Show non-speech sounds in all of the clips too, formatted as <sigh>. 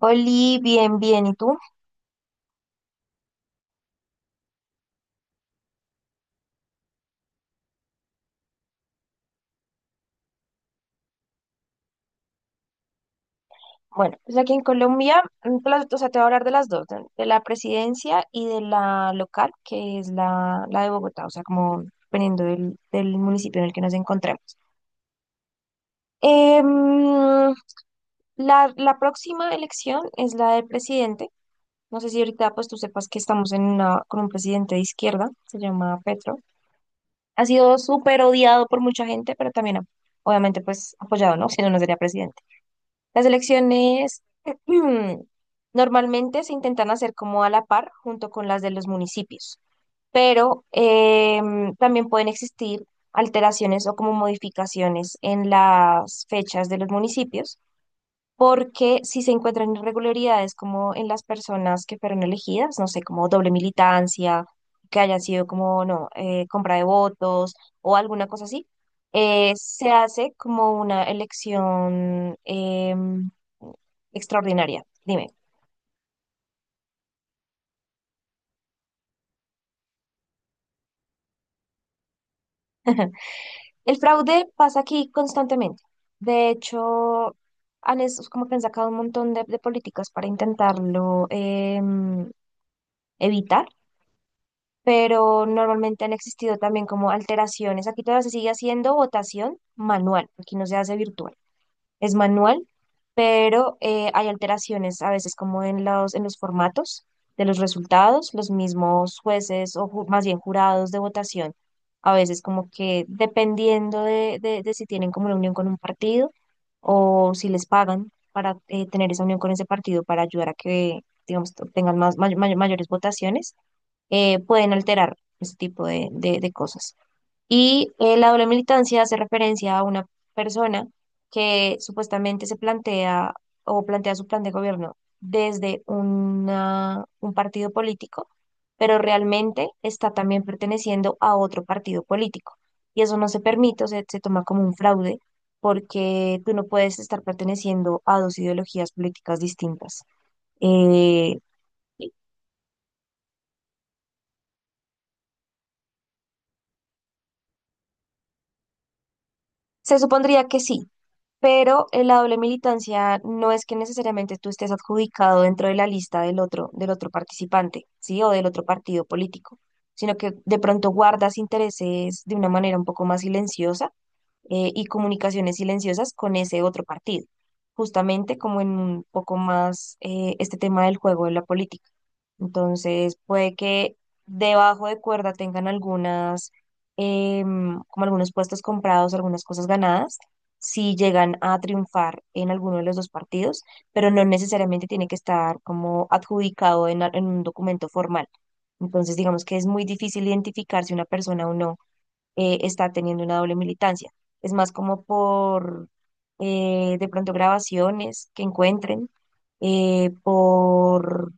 Oli, bien, bien. ¿Y tú? Bueno, pues aquí en Colombia, pues o sea, te voy a hablar de las dos, de la presidencia y de la local, que es la de Bogotá, o sea, como dependiendo del municipio en el que nos encontremos. Em, la próxima elección es la de presidente. No sé si ahorita pues tú sepas que estamos en una, con un presidente de izquierda, se llama Petro. Ha sido súper odiado por mucha gente, pero también obviamente pues apoyado, ¿no? <laughs> Si no, no sería presidente. Las elecciones <clears throat> normalmente se intentan hacer como a la par junto con las de los municipios, pero también pueden existir alteraciones o como modificaciones en las fechas de los municipios porque si se encuentran irregularidades como en las personas que fueron elegidas, no sé, como doble militancia, que hayan sido como, no, compra de votos o alguna cosa así, se hace como una elección extraordinaria. Dime, el fraude pasa aquí constantemente. De hecho, es como que han sacado un montón de políticas para intentarlo evitar, pero normalmente han existido también como alteraciones. Aquí todavía se sigue haciendo votación manual, aquí no se hace virtual, es manual, pero hay alteraciones a veces como en en los formatos de los resultados, los mismos jueces o más bien jurados de votación, a veces como que dependiendo de si tienen como una unión con un partido o si les pagan para tener esa unión con ese partido para ayudar a que, digamos, tengan más, mayores votaciones, pueden alterar ese tipo de cosas. Y la doble militancia hace referencia a una persona que supuestamente se plantea o plantea su plan de gobierno desde un partido político, pero realmente está también perteneciendo a otro partido político. Y eso no se permite, o sea, se toma como un fraude porque tú no puedes estar perteneciendo a dos ideologías políticas distintas. Eh, se supondría que sí, pero la doble militancia no es que necesariamente tú estés adjudicado dentro de la lista del otro participante, ¿sí? O del otro partido político, sino que de pronto guardas intereses de una manera un poco más silenciosa, y comunicaciones silenciosas con ese otro partido, justamente como en un poco más este tema del juego de la política. Entonces, puede que debajo de cuerda tengan algunas, como algunos puestos comprados, algunas cosas ganadas, si llegan a triunfar en alguno de los dos partidos, pero no necesariamente tiene que estar como adjudicado en, en un documento formal. Entonces, digamos que es muy difícil identificar si una persona o no está teniendo una doble militancia. Es más como por de pronto grabaciones que encuentren, por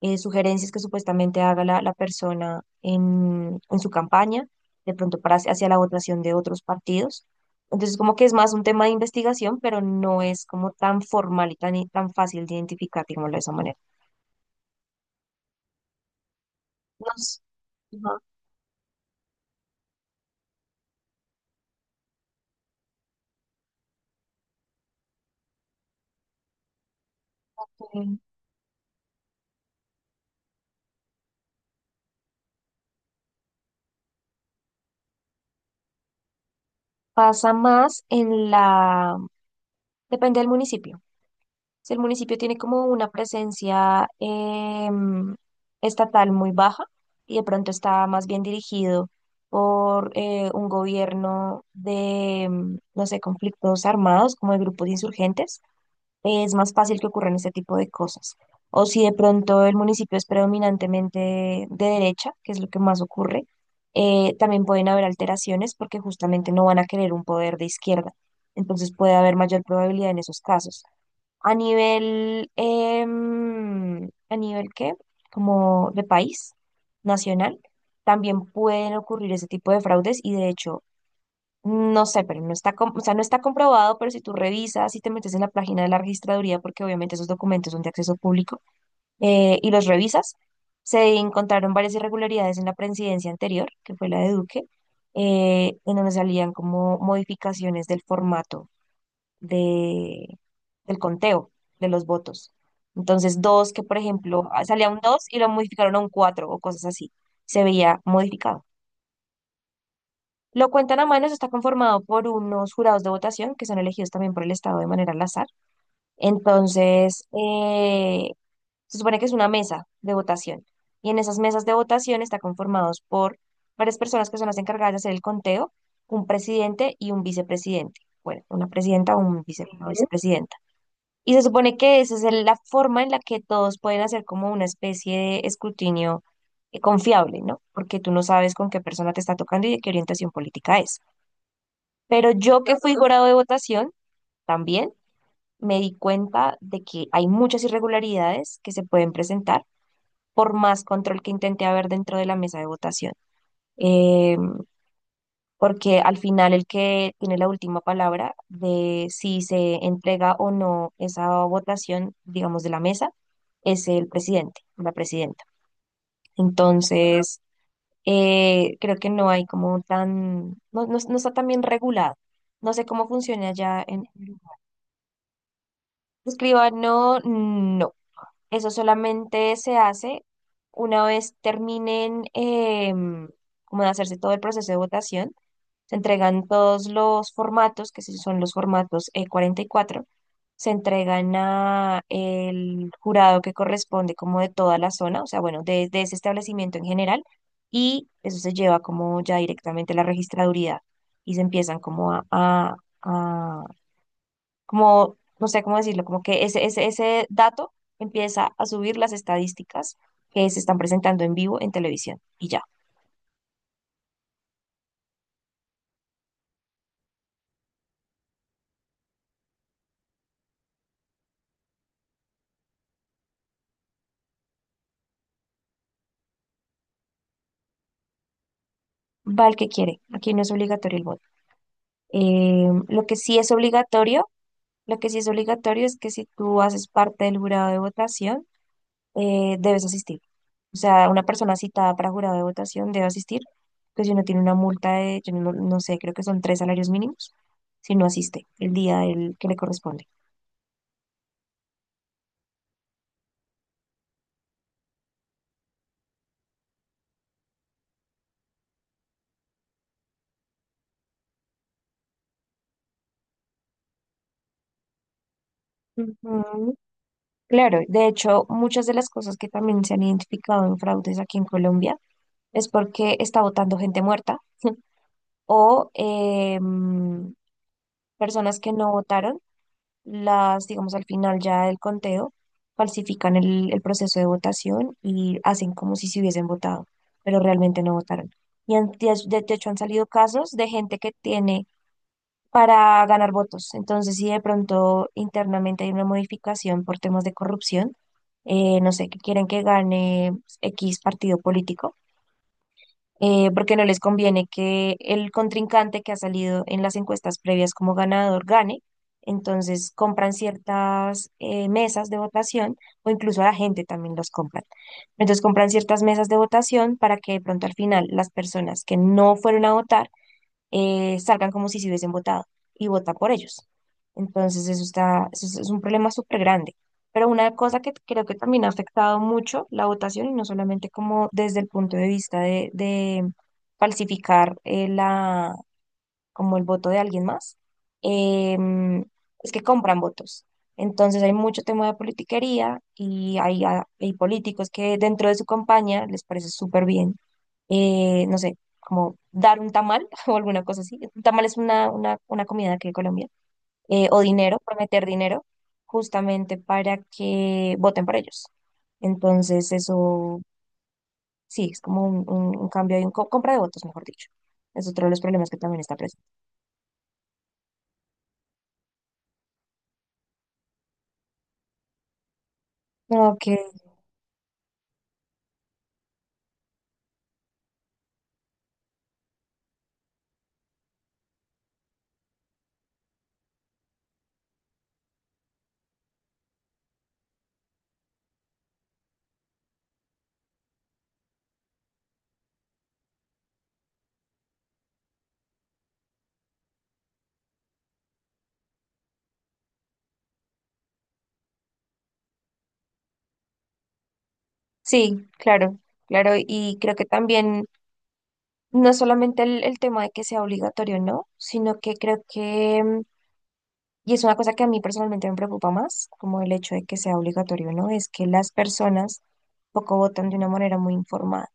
sugerencias que supuestamente haga la persona en su campaña, de pronto para, hacia la votación de otros partidos. Entonces, como que es más un tema de investigación, pero no es como tan formal y tan, tan fácil de identificar, digámoslo de esa manera. Nos, ajá, eh, pasa más en depende del municipio. Si el municipio tiene como una presencia estatal muy baja y de pronto está más bien dirigido por un gobierno de, no sé, conflictos armados, como de grupos insurgentes, es más fácil que ocurran este tipo de cosas. O si de pronto el municipio es predominantemente de derecha, que es lo que más ocurre, también pueden haber alteraciones porque justamente no van a querer un poder de izquierda. Entonces puede haber mayor probabilidad en esos casos. A nivel, ¿a nivel qué? Como de país nacional, también pueden ocurrir ese tipo de fraudes y de hecho, no sé, pero no está, o sea, no está comprobado, pero si tú revisas y te metes en la página de la registraduría, porque obviamente esos documentos son de acceso público, y los revisas, se encontraron varias irregularidades en la presidencia anterior, que fue la de Duque, en donde salían como modificaciones del formato de, del conteo de los votos. Entonces, dos que, por ejemplo, ah, salía un 2 y lo modificaron a un 4 o cosas así. Se veía modificado. Lo cuentan a mano, eso está conformado por unos jurados de votación que son elegidos también por el Estado de manera al azar. Entonces, se supone que es una mesa de votación. Y en esas mesas de votación está conformados por varias personas que son las encargadas de hacer el conteo, un presidente y un vicepresidente. Bueno, una presidenta o un vice- Sí. vicepresidente. Y se supone que esa es la forma en la que todos pueden hacer como una especie de escrutinio confiable, ¿no? Porque tú no sabes con qué persona te está tocando y de qué orientación política es. Pero yo que fui Exacto. jurado de votación, también me di cuenta de que hay muchas irregularidades que se pueden presentar por más control que intente haber dentro de la mesa de votación. Em, porque al final el que tiene la última palabra de si se entrega o no esa votación, digamos, de la mesa, es el presidente, la presidenta. Entonces, creo que no hay como tan, no, no está tan bien regulado. No sé cómo funciona ya en... Escriba, no, no. Eso solamente se hace una vez terminen como de hacerse todo el proceso de votación. Se entregan todos los formatos, que sí son los formatos 44, se entregan a el jurado que corresponde como de toda la zona, o sea, bueno, de ese establecimiento en general, y eso se lleva como ya directamente a la registraduría y se empiezan como a, como, no sé cómo decirlo, como que ese dato empieza a subir las estadísticas que se están presentando en vivo en televisión y ya. Va el que quiere, aquí no es obligatorio el voto. Lo que sí es obligatorio, lo que sí es obligatorio es que si tú haces parte del jurado de votación, debes asistir. O sea, una persona citada para jurado de votación debe asistir, pues si no tiene una multa de, yo no sé, creo que son tres salarios mínimos, si no asiste el día del que le corresponde. Ujú. Claro, de hecho, muchas de las cosas que también se han identificado en fraudes aquí en Colombia es porque está votando gente muerta <laughs> o personas que no votaron, las, digamos, al final ya del conteo, falsifican el proceso de votación y hacen como si se hubiesen votado, pero realmente no votaron. De hecho han salido casos de gente que tiene para ganar votos. Entonces, si de pronto internamente hay una modificación por temas de corrupción, no sé, que quieren que gane X partido político, porque no les conviene que el contrincante que ha salido en las encuestas previas como ganador gane. Entonces compran ciertas mesas de votación o incluso a la gente también los compran. Entonces compran ciertas mesas de votación para que de pronto al final las personas que no fueron a votar salgan como si se hubiesen votado y vota por ellos. Entonces, eso está, eso es un problema súper grande. Pero una cosa que creo que también ha afectado mucho la votación, y no solamente como desde el punto de vista de falsificar la, como el voto de alguien más, em, es que compran votos. Entonces hay mucho tema de politiquería y hay, hay políticos que dentro de su campaña les parece súper bien, no sé, como dar un tamal <laughs> o alguna cosa así. Un tamal es una comida de aquí de Colombia. O dinero, prometer dinero, justamente para que voten por ellos. Entonces eso sí, es como un, un cambio y un compra de votos, mejor dicho. Es otro de los problemas que también está presente. Ok. Sí, claro, claro. Y creo que también no solamente el tema de que sea obligatorio, ¿no? Sino que creo que, mm, y es una cosa que a mí personalmente me preocupa más, como el hecho de que sea obligatorio, ¿no? Es que las personas poco votan de una manera muy informada.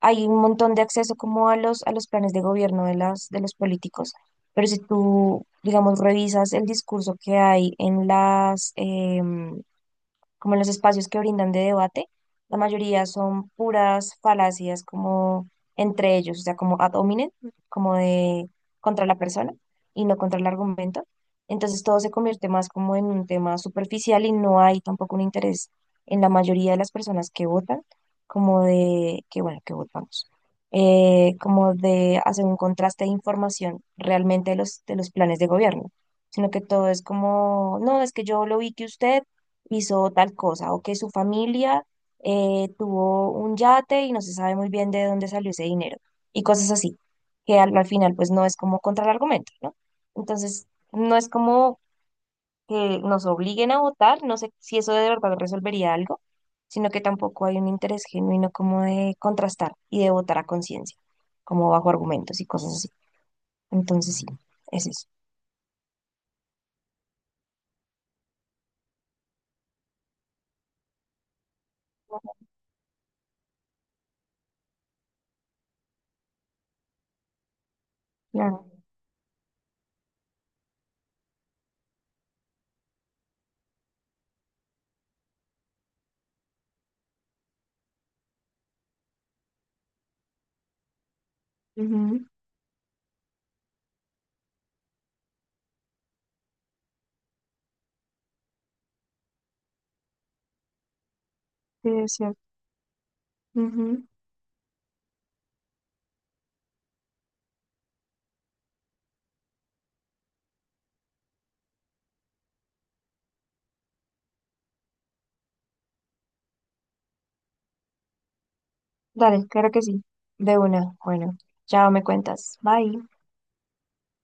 Hay un montón de acceso como a a los planes de gobierno de las, de los políticos, pero si tú, digamos, revisas el discurso que hay en las, como en los espacios que brindan de debate, la mayoría son puras falacias como entre ellos, o sea, como ad hominem, como de contra la persona y no contra el argumento. Entonces todo se convierte más como en un tema superficial y no hay tampoco un interés en la mayoría de las personas que votan, como de que bueno, que votamos como de hacer un contraste de información realmente de los planes de gobierno, sino que todo es como, no, es que yo lo vi que usted hizo tal cosa, o que su familia tuvo un yate y no se sabe muy bien de dónde salió ese dinero, y cosas así, que al, al final pues no es como contra el argumento, ¿no? Entonces, no es como que nos obliguen a votar, no sé si eso de verdad resolvería algo, sino que tampoco hay un interés genuino como de contrastar y de votar a conciencia, como bajo argumentos y cosas así. Entonces, sí, es eso. Claro. Ujú. Sí, es cierto. Ujú. Dale, claro que sí. De una. Bueno, chao, me cuentas. Bye.